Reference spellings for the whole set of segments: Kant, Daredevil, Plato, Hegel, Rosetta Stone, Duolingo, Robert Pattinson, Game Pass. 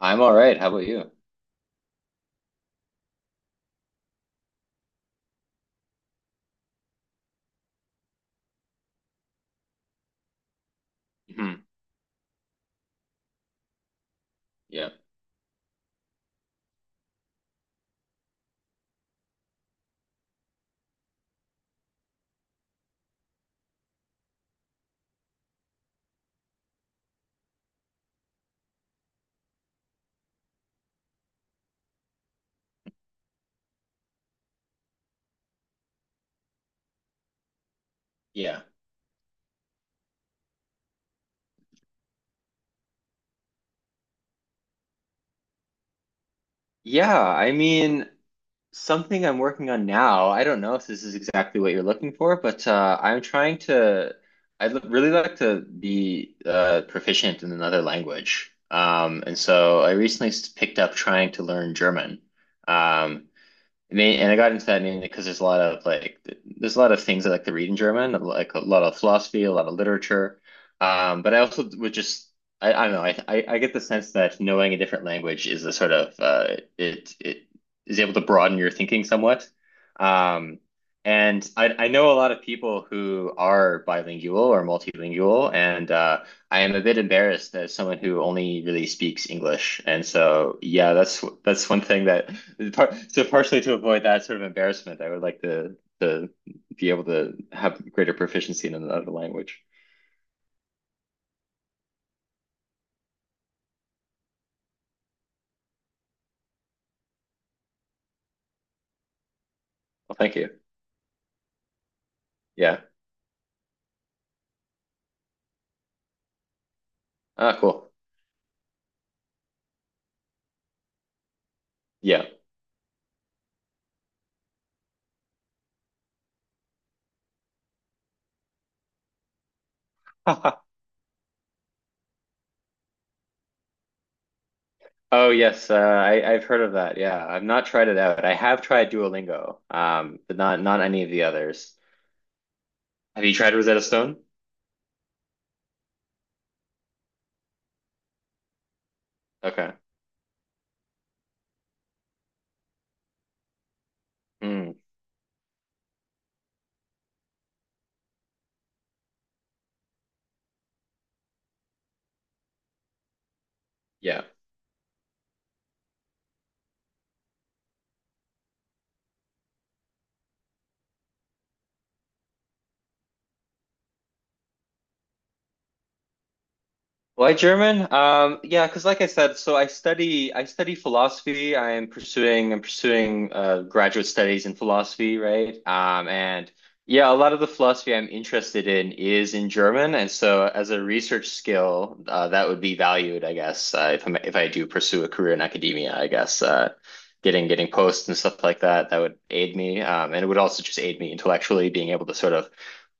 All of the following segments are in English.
I'm all right. How about you? Hmm Yeah. Yeah. Yeah. I mean, something I'm working on now. I don't know if this is exactly what you're looking for, but I'm trying to, really like to be proficient in another language. And, so I recently s- picked up trying to learn German. Um, And, and I got into that mainly because there's a lot of things I like to read in German, like a lot of philosophy, a lot of literature. But I also would just I don't know I get the sense that knowing a different language is a sort of it it is able to broaden your thinking somewhat. Um, and I know a lot of people who are bilingual or multilingual, and I am a bit embarrassed as someone who only really speaks English, and so yeah, that's one thing that so partially to avoid that sort of embarrassment, I would like to be able to have greater proficiency in another language. Well, thank you. Yeah. Ah, cool. Yeah. Oh yes, I I've heard of that. Yeah, I've not tried it out. I have tried Duolingo, but not any of the others. Have you tried Rosetta Stone? Okay. Hmm. Yeah. Why German? Yeah, because like I said, so I study philosophy. I'm pursuing graduate studies in philosophy, right? And yeah, a lot of the philosophy I'm interested in is in German, and so as a research skill, that would be valued, I guess, if I do pursue a career in academia, I guess. Getting posts and stuff like that that would aid me and it would also just aid me intellectually, being able to sort of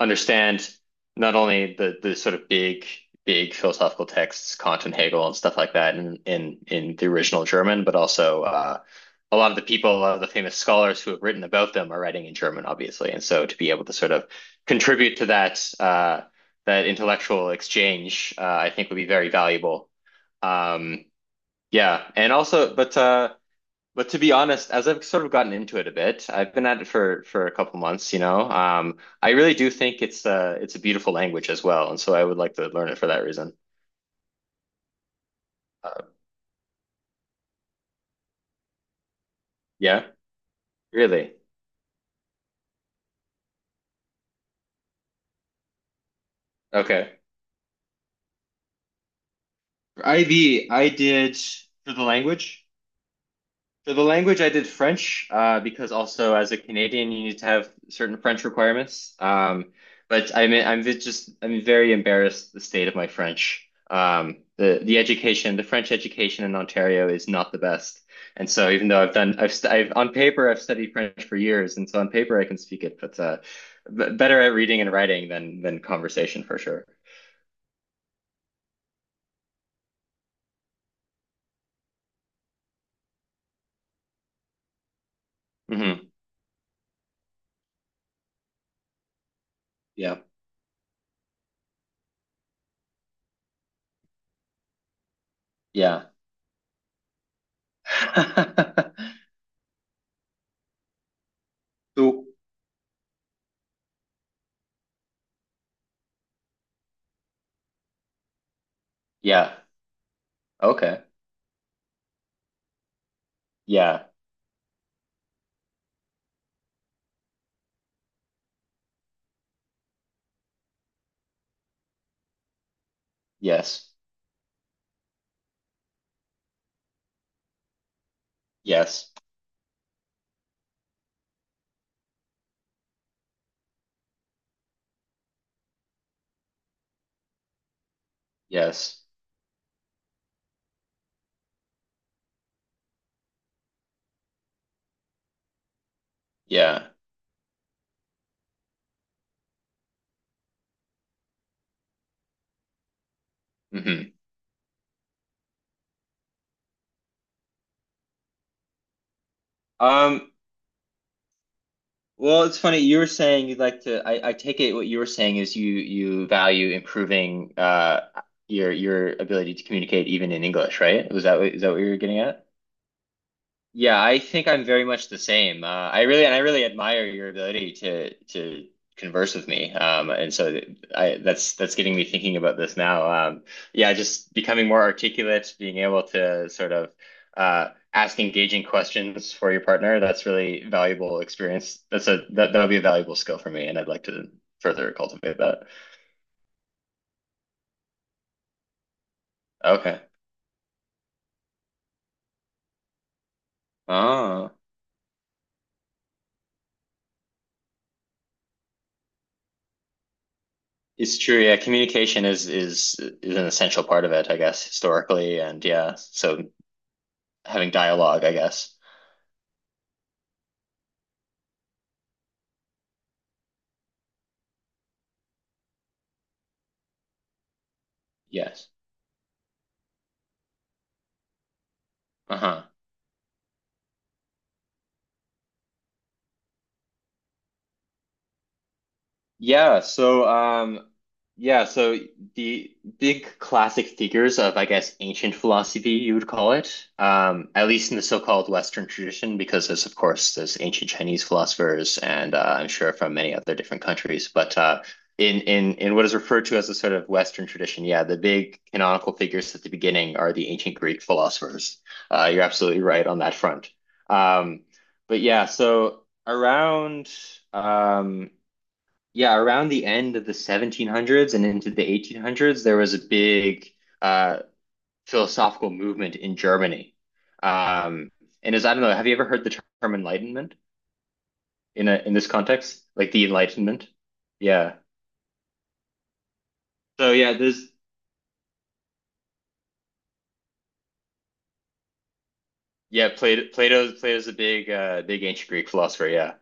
understand not only the sort of big philosophical texts, Kant and Hegel and stuff like that, in the original German, but also a lot of the people a lot of the famous scholars who have written about them are writing in German, obviously, and so to be able to sort of contribute to that that intellectual exchange I think would be very valuable um, yeah, and also but to be honest, as I've sort of gotten into it a bit, I've been at it for a couple months, you know. I really do think it's it's a beautiful language as well, and so I would like to learn it for that reason. Uh, Yeah, really. Okay. For IB, I did for the language. For the language, I did French because also as a Canadian, you need to have certain French requirements. But I'm vi- just I'm very embarrassed the state of my French. The education, the French education in Ontario is not the best. And so even though I've done I've, st I've on paper I've studied French for years, and so on paper I can speak it, but b better at reading and writing than conversation for sure. hmm Yeah. Yeah. So, yeah. Okay. Yeah. Yes. Yes. Yes. Yeah. hmm Um, well, it's funny. You were saying you'd like to, I take it what you were saying is you value improving your ability to communicate even in English, right? Was that what, is that what you were getting at? Yeah, I think I'm very much the same. I really admire your ability to converse with me. And so th- I that's getting me thinking about this now. Yeah, just becoming more articulate, being able to sort of ask engaging questions for your partner. That's really valuable experience. That's a that that would be a valuable skill for me, and I'd like to further cultivate that. Okay. Oh. It's true, yeah. Communication is an essential part of it, I guess, historically, and yeah, so having dialogue, I guess. Yes. Uh-huh. Yeah, so yeah, so the big classic figures of, I guess, ancient philosophy, you would call it, at least in the so-called Western tradition, because there's, of course, there's ancient Chinese philosophers and I'm sure from many other different countries, but in what is referred to as a sort of Western tradition, yeah, the big canonical figures at the beginning are the ancient Greek philosophers. You're absolutely right on that front. Um, but yeah, so around um yeah, around the end of the 1700s and into the 1800s, there was a big uh, philosophical movement in Germany. Um, and, as I don't know, have you ever heard the term enlightenment in in this context, like the Enlightenment? Yeah. So yeah, there's yeah, Plato, Plato's a big big ancient Greek philosopher. Yeah.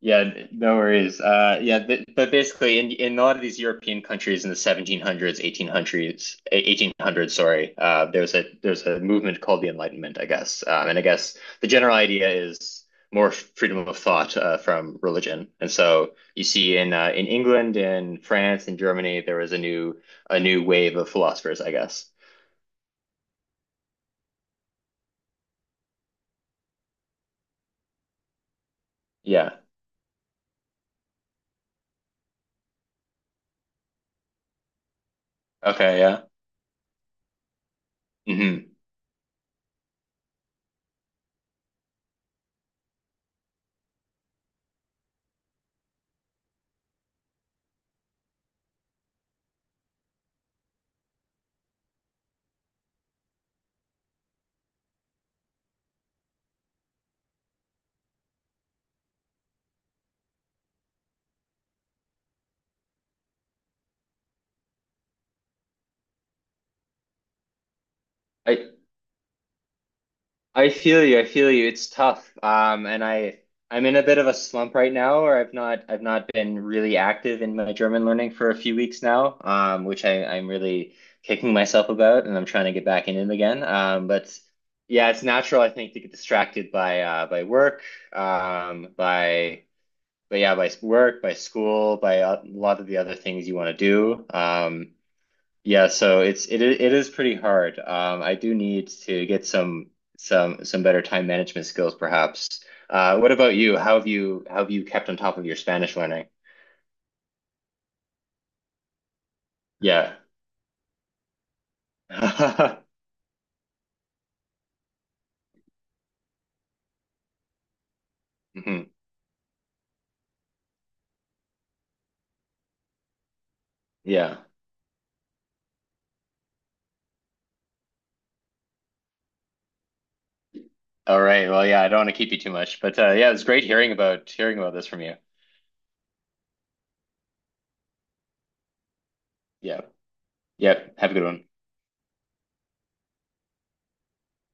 Yeah, no worries. Yeah, but basically, in a lot of these European countries in the 1700s, 1800s, sorry, there's a movement called the Enlightenment, I guess. And I guess the general idea is more freedom of thought from religion. And so you see in England, in France, in Germany, there was a new wave of philosophers, I guess. Yeah. Okay. Yeah. hmm I I feel you. I feel you. It's tough. And I I'm in a bit of a slump right now, or I've not been really active in my German learning for a few weeks now, which I'm really kicking myself about, and I'm trying to get back in it again. But yeah, it's natural, I think, to get distracted by work, by but yeah, by work, by school, by a lot of the other things you want to do. Yeah, so it is pretty hard. I do need to get some some better time management skills, perhaps. What about you? How have you kept on top of your Spanish learning? Yeah. Mhm. Yeah. All right. Well, yeah, I don't want to keep you too much, but yeah, it was great hearing about this from you. Yeah. Yep. Have a good one.